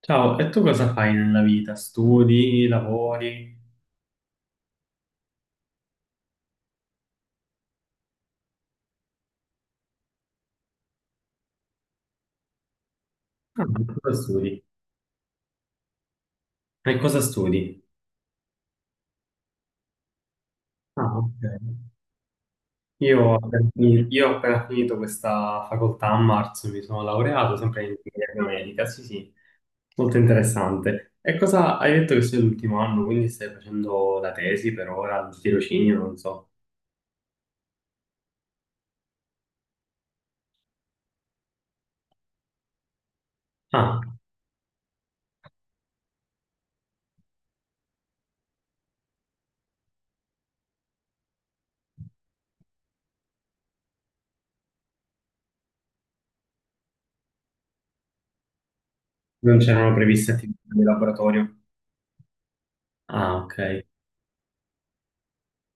Ciao, e tu cosa fai nella vita? Studi, lavori? Ah, cosa studi? E cosa studi? Ah, ok. Io ho Ok. Appena finito questa facoltà a marzo, mi sono laureato sempre in ingegneria medica, sì sì, molto interessante. E cosa hai detto che sei l'ultimo anno, quindi stai facendo la tesi per ora, il tirocinio, non so. Ah, non c'erano previste attività di laboratorio? Ah, ok.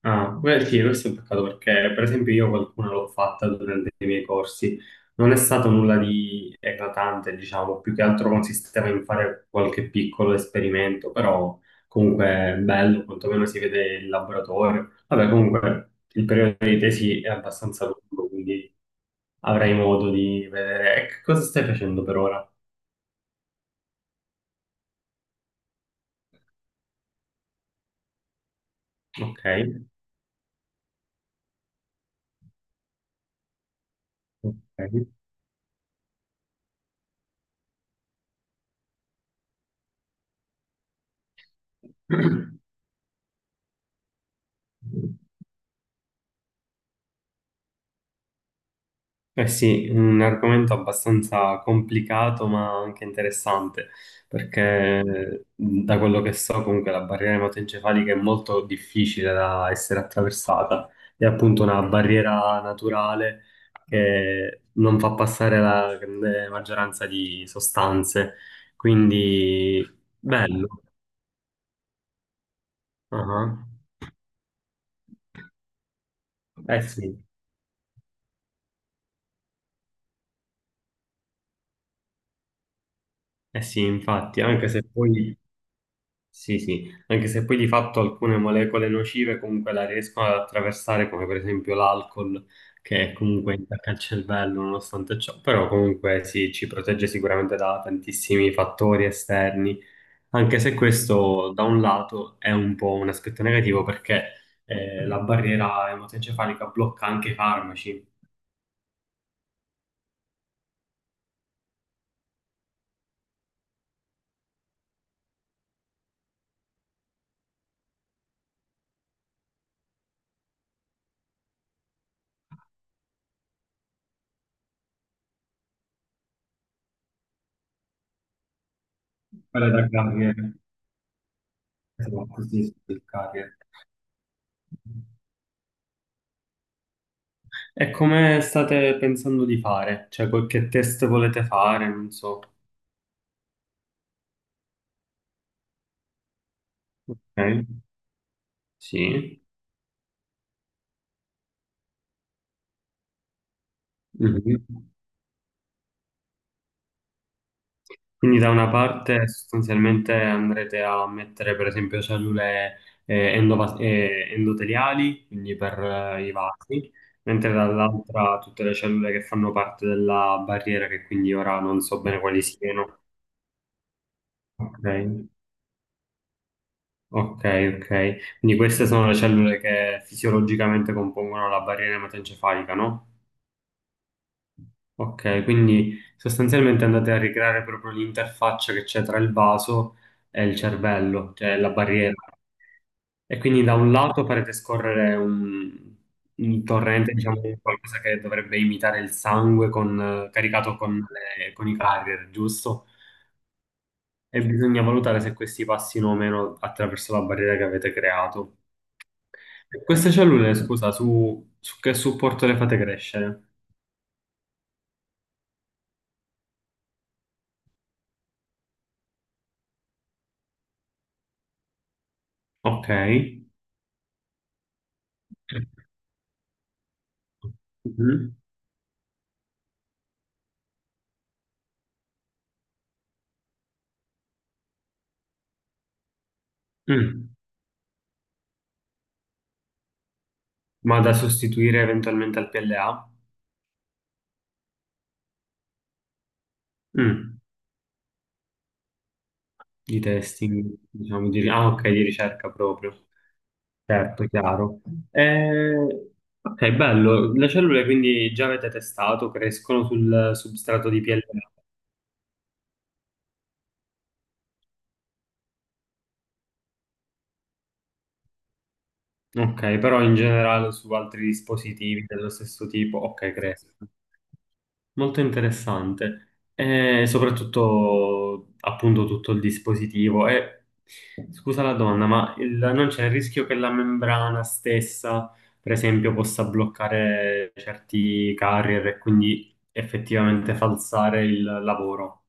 Ah, beh, sì, questo è un peccato perché, per esempio, io qualcuna l'ho fatta durante i miei corsi. Non è stato nulla di eclatante, diciamo, più che altro consisteva in fare qualche piccolo esperimento, però comunque è bello, quantomeno si vede il laboratorio. Vabbè, comunque il periodo di tesi è abbastanza lungo, quindi avrai modo di vedere. E che cosa stai facendo per ora? Ok. Ok. Eh sì, un argomento abbastanza complicato ma anche interessante, perché da quello che so comunque la barriera ematoencefalica è molto difficile da essere attraversata, è appunto una barriera naturale che non fa passare la grande maggioranza di sostanze, quindi bello. Ah, eh sì, eh sì, infatti, anche se poi sì, sì, anche se poi di fatto alcune molecole nocive comunque la riescono ad attraversare, come per esempio l'alcol, che comunque intacca il cervello nonostante ciò, però comunque sì, ci protegge sicuramente da tantissimi fattori esterni, anche se questo da un lato è un po' un aspetto negativo perché la barriera ematoencefalica blocca anche i farmaci, quella da carrier, esatto, sì, sì, il carrier. E come state pensando di fare? Cioè, qualche test volete fare? Non so. Ok, sì. Mhm. Quindi da una parte sostanzialmente andrete a mettere per esempio cellule endoteliali, quindi per i vasi, mentre dall'altra tutte le cellule che fanno parte della barriera, che quindi ora non so bene quali siano. Ok, ok, ok. Quindi queste sono le cellule che fisiologicamente compongono la barriera ematoencefalica, no? Ok, quindi sostanzialmente andate a ricreare proprio l'interfaccia che c'è tra il vaso e il cervello, cioè la barriera. E quindi da un lato farete scorrere un torrente, diciamo, di qualcosa che dovrebbe imitare il sangue caricato con i carrier, giusto? E bisogna valutare se questi passino o meno attraverso la barriera che avete creato. E queste cellule, scusa, su che supporto le fate crescere? Ok. Mhm. Mm. Ma da sostituire eventualmente al PLA? Mm, di testing, diciamo, di, ah, ok, di ricerca proprio, certo, chiaro. Eh, ok, bello. Le cellule quindi già avete testato, crescono sul substrato di PLA. Ok, però in generale su altri dispositivi dello stesso tipo, ok, crescono. Molto interessante, e soprattutto appunto tutto il dispositivo. E, scusa la domanda, ma non c'è il rischio che la membrana stessa, per esempio, possa bloccare certi carrier e quindi effettivamente falsare il lavoro?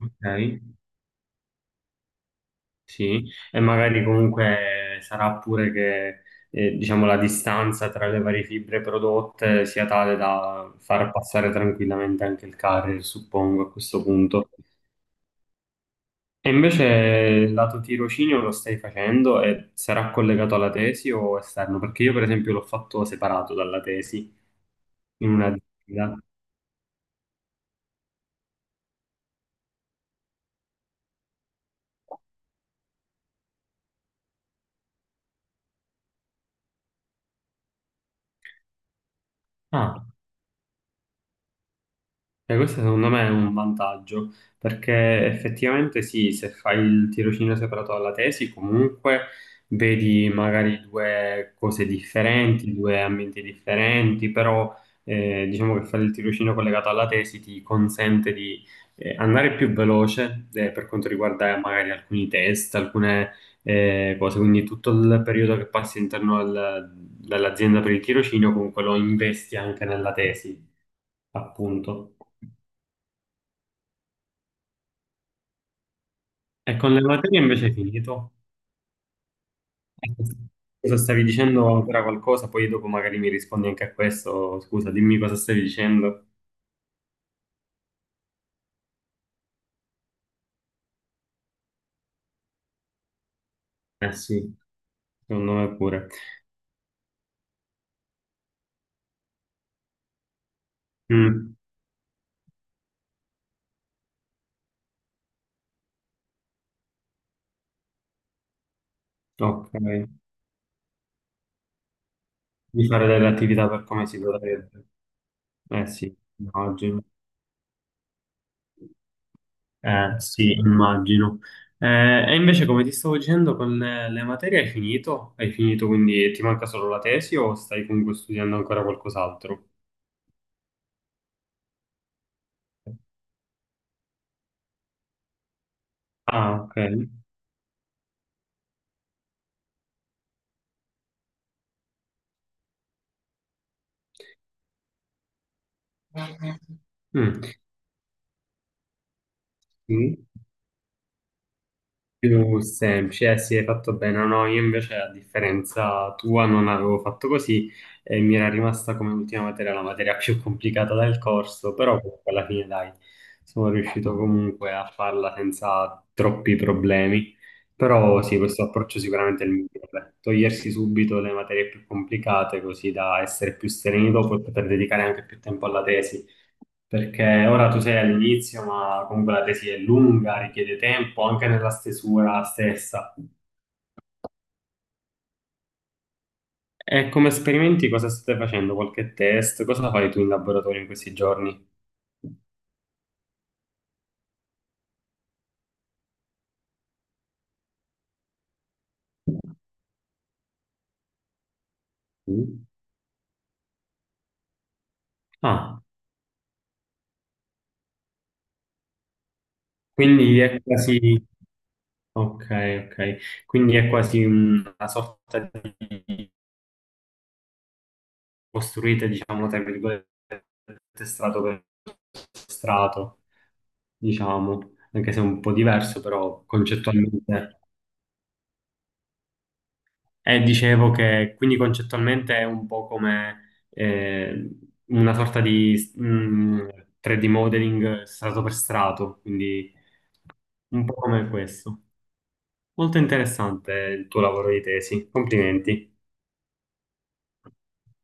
Ok. Sì, e magari comunque sarà pure che diciamo la distanza tra le varie fibre prodotte sia tale da far passare tranquillamente anche il carrier, suppongo, a questo punto. E invece lato tirocinio lo stai facendo e sarà collegato alla tesi o esterno? Perché io per esempio l'ho fatto separato dalla tesi in una disciplina. Ah, questo secondo me è un vantaggio, perché effettivamente sì, se fai il tirocinio separato dalla tesi, comunque vedi magari due cose differenti, due ambienti differenti, però diciamo che fare il tirocinio collegato alla tesi ti consente di andare più veloce per quanto riguarda magari alcuni test, alcune cose, quindi tutto il periodo che passi all'interno dell'azienda per il tirocinio comunque lo investi anche nella tesi, appunto. E con le materie invece è finito. Cosa stavi dicendo ancora qualcosa? Poi dopo magari mi rispondi anche a questo. Scusa, dimmi cosa stavi dicendo. Eh sì, secondo me pure. Mm, ok, di fare delle attività per come si dovrebbe. Eh sì, immagino. Eh sì, immagino. E invece come ti stavo dicendo, con le materie hai finito? Hai finito, quindi ti manca solo la tesi o stai comunque studiando ancora qualcos'altro? Ah, ok. Mm. Sì. Più semplice, eh sì, hai fatto bene. No, no, io invece a differenza tua non avevo fatto così e mi era rimasta come ultima materia la materia più complicata del corso, però comunque alla fine dai, sono riuscito comunque a farla senza troppi problemi. Però sì, questo approccio sicuramente è il migliore. Togliersi subito le materie più complicate così da essere più sereni dopo e poter dedicare anche più tempo alla tesi perché ora tu sei all'inizio, ma comunque la tesi è lunga, richiede tempo anche nella stesura stessa. E come esperimenti cosa state facendo? Qualche test? Cosa fai tu in laboratorio in questi giorni? Mm. Ah, quindi è quasi. Ok, ok. Quindi è quasi una sorta di, costruite, diciamo, tra virgolette, strato per strato, diciamo, anche se è un po' diverso, però concettualmente. E dicevo che quindi concettualmente è un po' come una sorta di 3D modeling strato per strato, quindi un po' come questo. Molto interessante il tuo lavoro di tesi, complimenti.